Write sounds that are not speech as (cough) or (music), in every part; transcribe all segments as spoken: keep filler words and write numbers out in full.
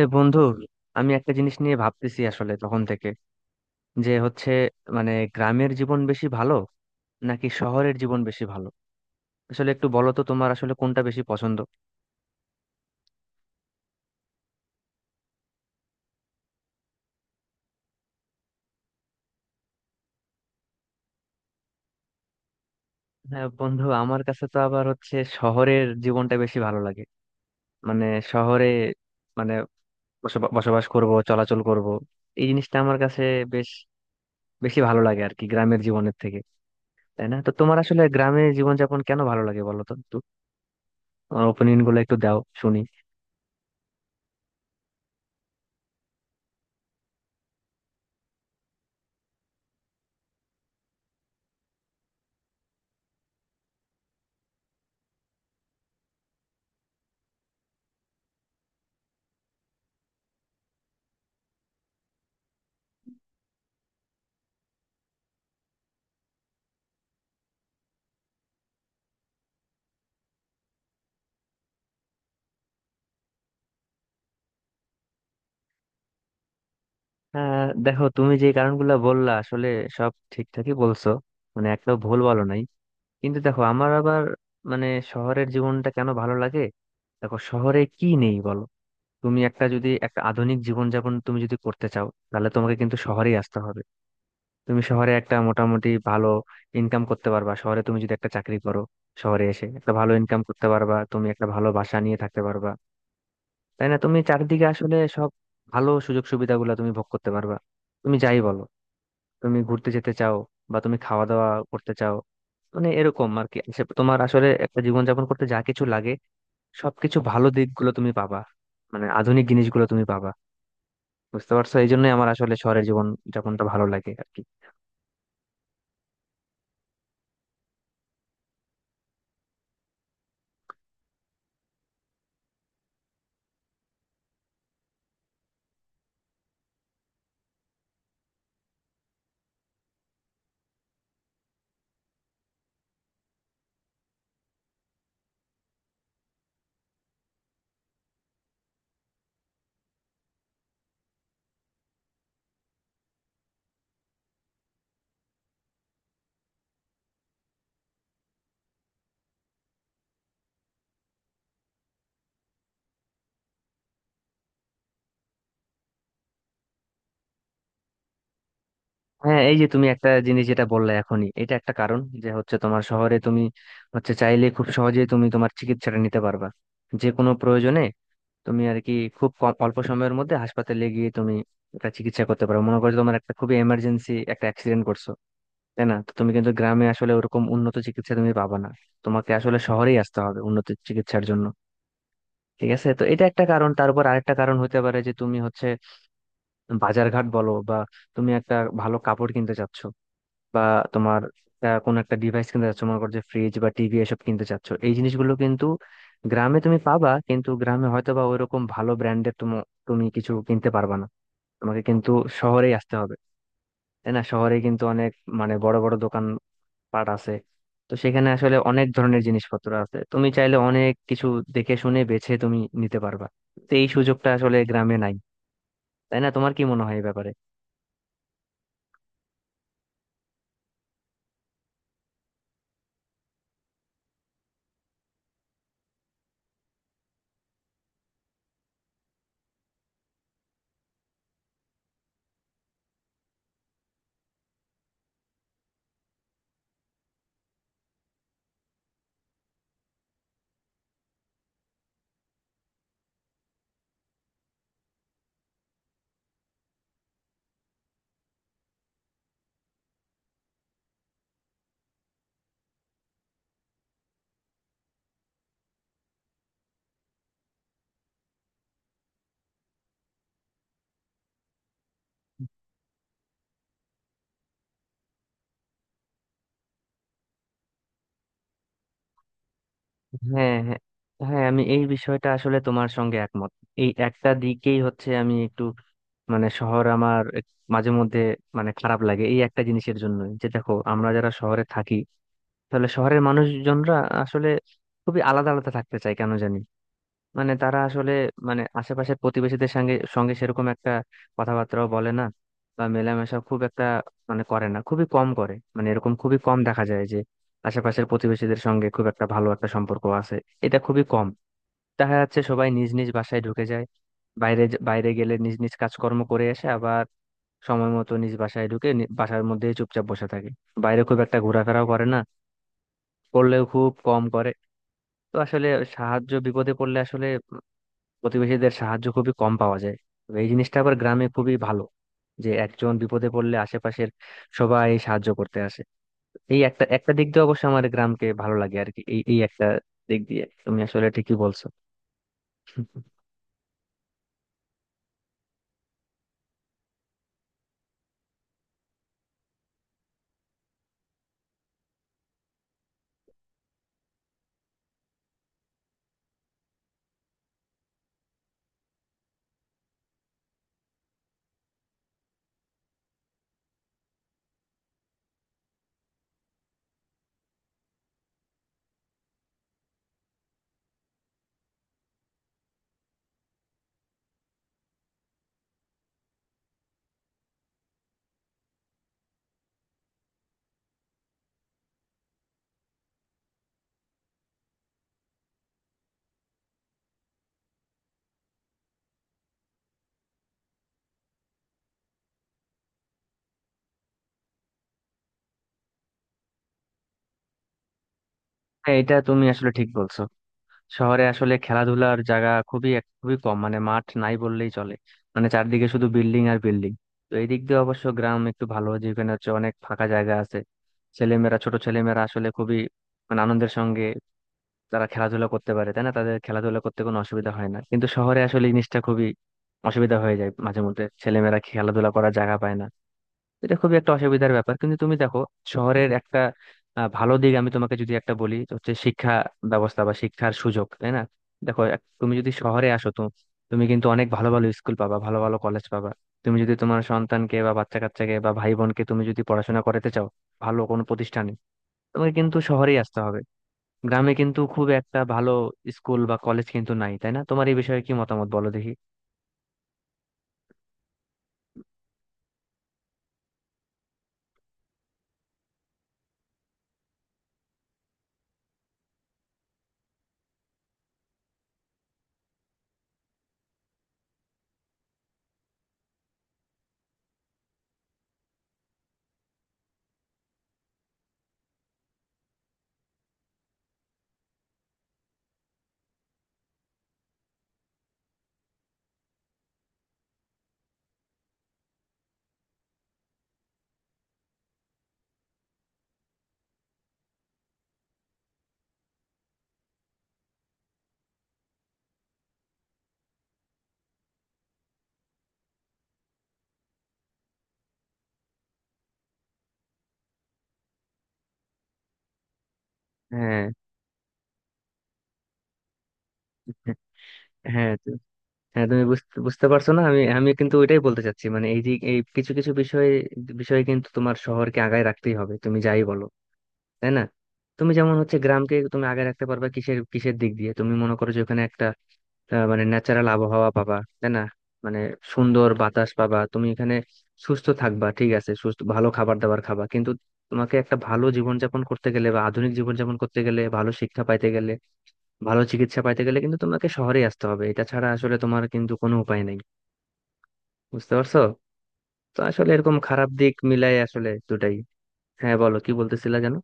এ বন্ধু, আমি একটা জিনিস নিয়ে ভাবতেছি আসলে তখন থেকে, যে হচ্ছে মানে গ্রামের জীবন বেশি ভালো নাকি শহরের জীবন বেশি ভালো। আসলে একটু বলো তো, তোমার আসলে কোনটা বেশি পছন্দ? হ্যাঁ বন্ধু, আমার কাছে তো আবার হচ্ছে শহরের জীবনটা বেশি ভালো লাগে। মানে শহরে মানে বসবা- বসবাস করব, চলাচল করব, এই জিনিসটা আমার কাছে বেশ বেশি ভালো লাগে আর কি, গ্রামের জীবনের থেকে। তাই না? তো তোমার আসলে গ্রামের জীবনযাপন কেন ভালো লাগে বলো তো একটু, তোমার ওপিনিয়ন গুলো একটু দাও, শুনি। হ্যাঁ দেখো, তুমি যে কারণগুলো বললা আসলে সব ঠিকঠাকই বলছো, মানে একটাও ভুল বলো নাই। কিন্তু দেখো আমার আবার মানে শহরের জীবনটা কেন ভালো লাগে। দেখো, শহরে কি নেই বলো? তুমি একটা, যদি একটা আধুনিক জীবনযাপন তুমি যদি করতে চাও, তাহলে তোমাকে কিন্তু শহরেই আসতে হবে। তুমি শহরে একটা মোটামুটি ভালো ইনকাম করতে পারবা। শহরে তুমি যদি একটা চাকরি করো, শহরে এসে একটা ভালো ইনকাম করতে পারবা, তুমি একটা ভালো বাসা নিয়ে থাকতে পারবা। তাই না? তুমি চারিদিকে আসলে সব ভালো সুযোগ সুবিধাগুলো তুমি ভোগ করতে পারবা। তুমি যাই বলো, তুমি ঘুরতে যেতে চাও বা তুমি খাওয়া দাওয়া করতে চাও, মানে এরকম আর কি, সে তোমার আসলে একটা জীবনযাপন করতে যা কিছু লাগে সবকিছু, ভালো দিকগুলো তুমি পাবা, মানে আধুনিক জিনিসগুলো তুমি পাবা। বুঝতে পারছো? এই জন্যই আমার আসলে শহরের জীবন যাপনটা ভালো লাগে আর কি। হ্যাঁ, এই যে তুমি একটা জিনিস যেটা বললে এখনই, এটা একটা কারণ, যে হচ্ছে তোমার শহরে তুমি হচ্ছে চাইলে খুব সহজেই তুমি তোমার চিকিৎসাটা নিতে পারবা যে কোনো প্রয়োজনে। তুমি আর কি খুব কম অল্প সময়ের মধ্যে হাসপাতালে গিয়ে তুমি একটা চিকিৎসা করতে পারো। মনে করো তোমার একটা খুবই এমার্জেন্সি, একটা অ্যাক্সিডেন্ট করছো, তাই না? তো তুমি কিন্তু গ্রামে আসলে ওরকম উন্নত চিকিৎসা তুমি পাবা না। তোমাকে আসলে শহরেই আসতে হবে উন্নত চিকিৎসার জন্য। ঠিক আছে, তো এটা একটা কারণ। তারপর আরেকটা কারণ হতে পারে যে তুমি হচ্ছে বাজারঘাট বলো বা তুমি একটা ভালো কাপড় কিনতে চাচ্ছ বা তোমার আহ, কোনো একটা ডিভাইস কিনতে চাচ্ছ, মনে করো যে ফ্রিজ বা টিভি এসব কিনতে চাচ্ছ, এই জিনিসগুলো কিন্তু গ্রামে তুমি পাবা, কিন্তু গ্রামে হয়তো বা ওইরকম ভালো ব্র্যান্ডের তুমি তুমি কিছু কিনতে পারবা না। তোমাকে কিন্তু শহরেই আসতে হবে। তাই না? শহরে কিন্তু অনেক মানে বড় বড় দোকান পাট আছে। তো সেখানে আসলে অনেক ধরনের জিনিসপত্র আছে, তুমি চাইলে অনেক কিছু দেখে শুনে বেছে তুমি নিতে পারবা। তো এই সুযোগটা আসলে গ্রামে নাই। তাই না? তোমার কি মনে হয় এই ব্যাপারে? হ্যাঁ, হ্যাঁ, হ্যাঁ, আমি এই বিষয়টা আসলে তোমার সঙ্গে একমত। এই একটা দিকেই হচ্ছে আমি একটু মানে শহর আমার এক- মাঝে মধ্যে মানে খারাপ লাগে এই একটা জিনিসের জন্য, যে দেখো আমরা যারা শহরে থাকি, তাহলে শহরের মানুষজনরা আসলে খুবই আলাদা আলাদা থাকতে চায় কেন জানি। মানে তারা আসলে মানে আশেপাশের প্রতিবেশীদের সঙ্গে সঙ্গে সেরকম একটা কথাবার্তাও বলে না, বা মেলামেশা খুব একটা মানে করে না, খুবই কম করে। মানে এরকম খুবই কম দেখা যায় যে আশেপাশের প্রতিবেশীদের সঙ্গে খুব একটা ভালো একটা সম্পর্ক আছে। এটা খুবই কম দেখা যাচ্ছে। সবাই নিজ নিজ বাসায় ঢুকে যায়, বাইরে যে- বাইরে গেলে নিজ নিজ কাজকর্ম করে এসে আবার সময় মতো নিজ বাসায় ঢুকে নি- বাসার মধ্যেই চুপচাপ বসে থাকে, বাইরে খুব একটা ঘোরাফেরাও করে না, করলেও খুব কম করে। তো আসলে সাহায্য, বিপদে পড়লে আসলে প্রতিবেশীদের সাহায্য খুবই কম পাওয়া যায়। তো এই জিনিসটা আবার গ্রামে খুবই ভালো, যে একজন বিপদে পড়লে আশেপাশের সবাই সাহায্য করতে আসে। এই একটা একটা দিক দিয়ে অবশ্য আমার গ্রামকে ভালো লাগে আর কি। এই এই একটা দিক দিয়ে তুমি আসলে ঠিকই বলছো। হ্যাঁ, এটা তুমি আসলে ঠিক বলছো। শহরে আসলে খেলাধুলার জায়গা খুবই এক- খুবই কম, মানে মাঠ নাই বললেই চলে, মানে চারদিকে শুধু বিল্ডিং আর বিল্ডিং। তো এই দিক দিয়ে অবশ্য গ্রাম একটু ভালো, যেখানে হচ্ছে অনেক ফাঁকা জায়গা আছে, ছেলেমেয়েরা, ছোট ছেলেমেয়েরা আসলে খুবই মানে আনন্দের সঙ্গে তারা খেলাধুলা করতে পারে। তাই না? তাদের খেলাধুলা করতে কোনো অসুবিধা হয় না। কিন্তু শহরে আসলে এই জিনিসটা খুবই অসুবিধা হয়ে যায়, মাঝে মধ্যে ছেলেমেয়েরা খেলাধুলা করার জায়গা পায় না। এটা খুবই একটা অসুবিধার ব্যাপার। কিন্তু তুমি দেখো, শহরের একটা আহ, ভালো দিক আমি তোমাকে যদি একটা বলি তো হচ্ছে শিক্ষা ব্যবস্থা বা শিক্ষার সুযোগ। তাই না? দেখো, এক- তুমি যদি শহরে আসো তো তুমি কিন্তু অনেক ভালো ভালো স্কুল পাবা, ভালো ভালো কলেজ পাবা। তুমি যদি তোমার সন্তানকে বা বাচ্চা কাচ্চাকে বা ভাই বোনকে তুমি যদি পড়াশোনা করাতে চাও ভালো কোনো প্রতিষ্ঠানে, তোমাকে কিন্তু শহরেই আসতে হবে। গ্রামে কিন্তু খুব একটা ভালো স্কুল বা কলেজ কিন্তু নাই। তাই না? তোমার এই বিষয়ে কি মতামত বলো দেখি। হ্যাঁ, হ্যাঁ, তু- হ্যাঁ তুমি বুঝতে বুঝতে পারছো না, আমি আমি কিন্তু ওইটাই বলতে চাচ্ছি, মানে এই যে এই কিছু কিছু বিষয়ে বিষয়ে কিন্তু তোমার শহরকে আগায় রাখতেই হবে, তুমি যাই বলো। তাই না? তুমি যেমন হচ্ছে গ্রামকে তুমি আগায় রাখতে পারবে কিসের কিসের দিক দিয়ে, তুমি মনে করো যে ওখানে একটা আহ, মানে ন্যাচারাল আবহাওয়া পাবা, তাই না, মানে সুন্দর বাতাস পাবা, তুমি এখানে সুস্থ থাকবা, ঠিক আছে, সুস্থ ভালো খাবার দাবার খাবা। কিন্তু তোমাকে একটা ভালো জীবনযাপন করতে গেলে বা আধুনিক জীবনযাপন করতে গেলে, ভালো শিক্ষা পাইতে গেলে, ভালো চিকিৎসা পাইতে গেলে, কিন্তু তোমাকে শহরে আসতে হবে। এটা ছাড়া আসলে তোমার কিন্তু কোনো উপায় নেই। বুঝতে পারছো? তো আসলে এরকম, খারাপ দিক মিলাই আসলে দুটাই। হ্যাঁ বলো, কি বলতেছিলা যেন?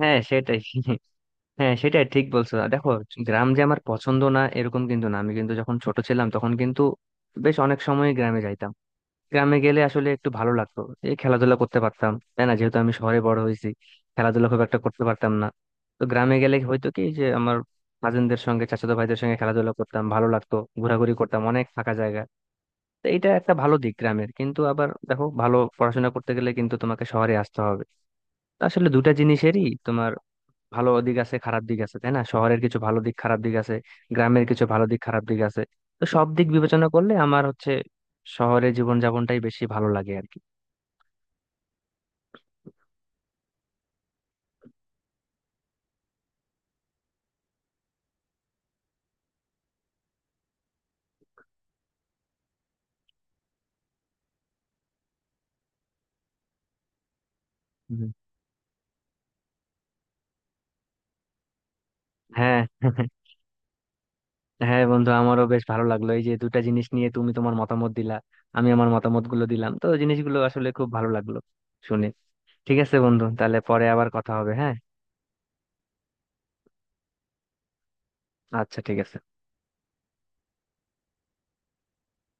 হ্যাঁ সেটাই, হ্যাঁ সেটাই ঠিক বলছো। আর দেখো, গ্রাম যে আমার পছন্দ না এরকম কিন্তু না। আমি কিন্তু যখন ছোট ছিলাম তখন কিন্তু বেশ অনেক সময় গ্রামে যাইতাম। গ্রামে গেলে আসলে একটু ভালো লাগতো, এই খেলাধুলা করতে পারতাম। তাই না? যেহেতু আমি শহরে বড় হয়েছি, খেলাধুলা খুব একটা করতে পারতাম না। তো গ্রামে গেলে হয়তো কি যে আমার কাজিনদের সঙ্গে, চাচাতো ভাইদের সঙ্গে খেলাধুলা করতাম, ভালো লাগতো, ঘোরাঘুরি করতাম, অনেক ফাঁকা জায়গা। তো এটা একটা ভালো দিক গ্রামের। কিন্তু আবার দেখো, ভালো পড়াশোনা করতে গেলে কিন্তু তোমাকে শহরে আসতে হবে। তো আসলে দুটা জিনিসেরই তোমার ভালো দিক আছে, খারাপ দিক আছে। তাই না? শহরের কিছু ভালো দিক, খারাপ দিক আছে, গ্রামের কিছু ভালো দিক, খারাপ দিক আছে। তো সব দিক বিবেচনা করলে আমার হচ্ছে শহরে জীবনযাপনটাই বেশি ভালো লাগে আর কি। হুম। হ্যাঁ (laughs) হ্যাঁ বন্ধু, আমারও বেশ ভালো লাগলো। এই যে দুটা জিনিস নিয়ে তুমি তোমার মতামত দিলা, আমি আমার মতামত গুলো দিলাম, তো জিনিসগুলো আসলে খুব ভালো লাগলো শুনে। ঠিক আছে বন্ধু, তাহলে পরে আবার কথা হবে, হ্যাঁ। আচ্ছা, ঠিক আছে।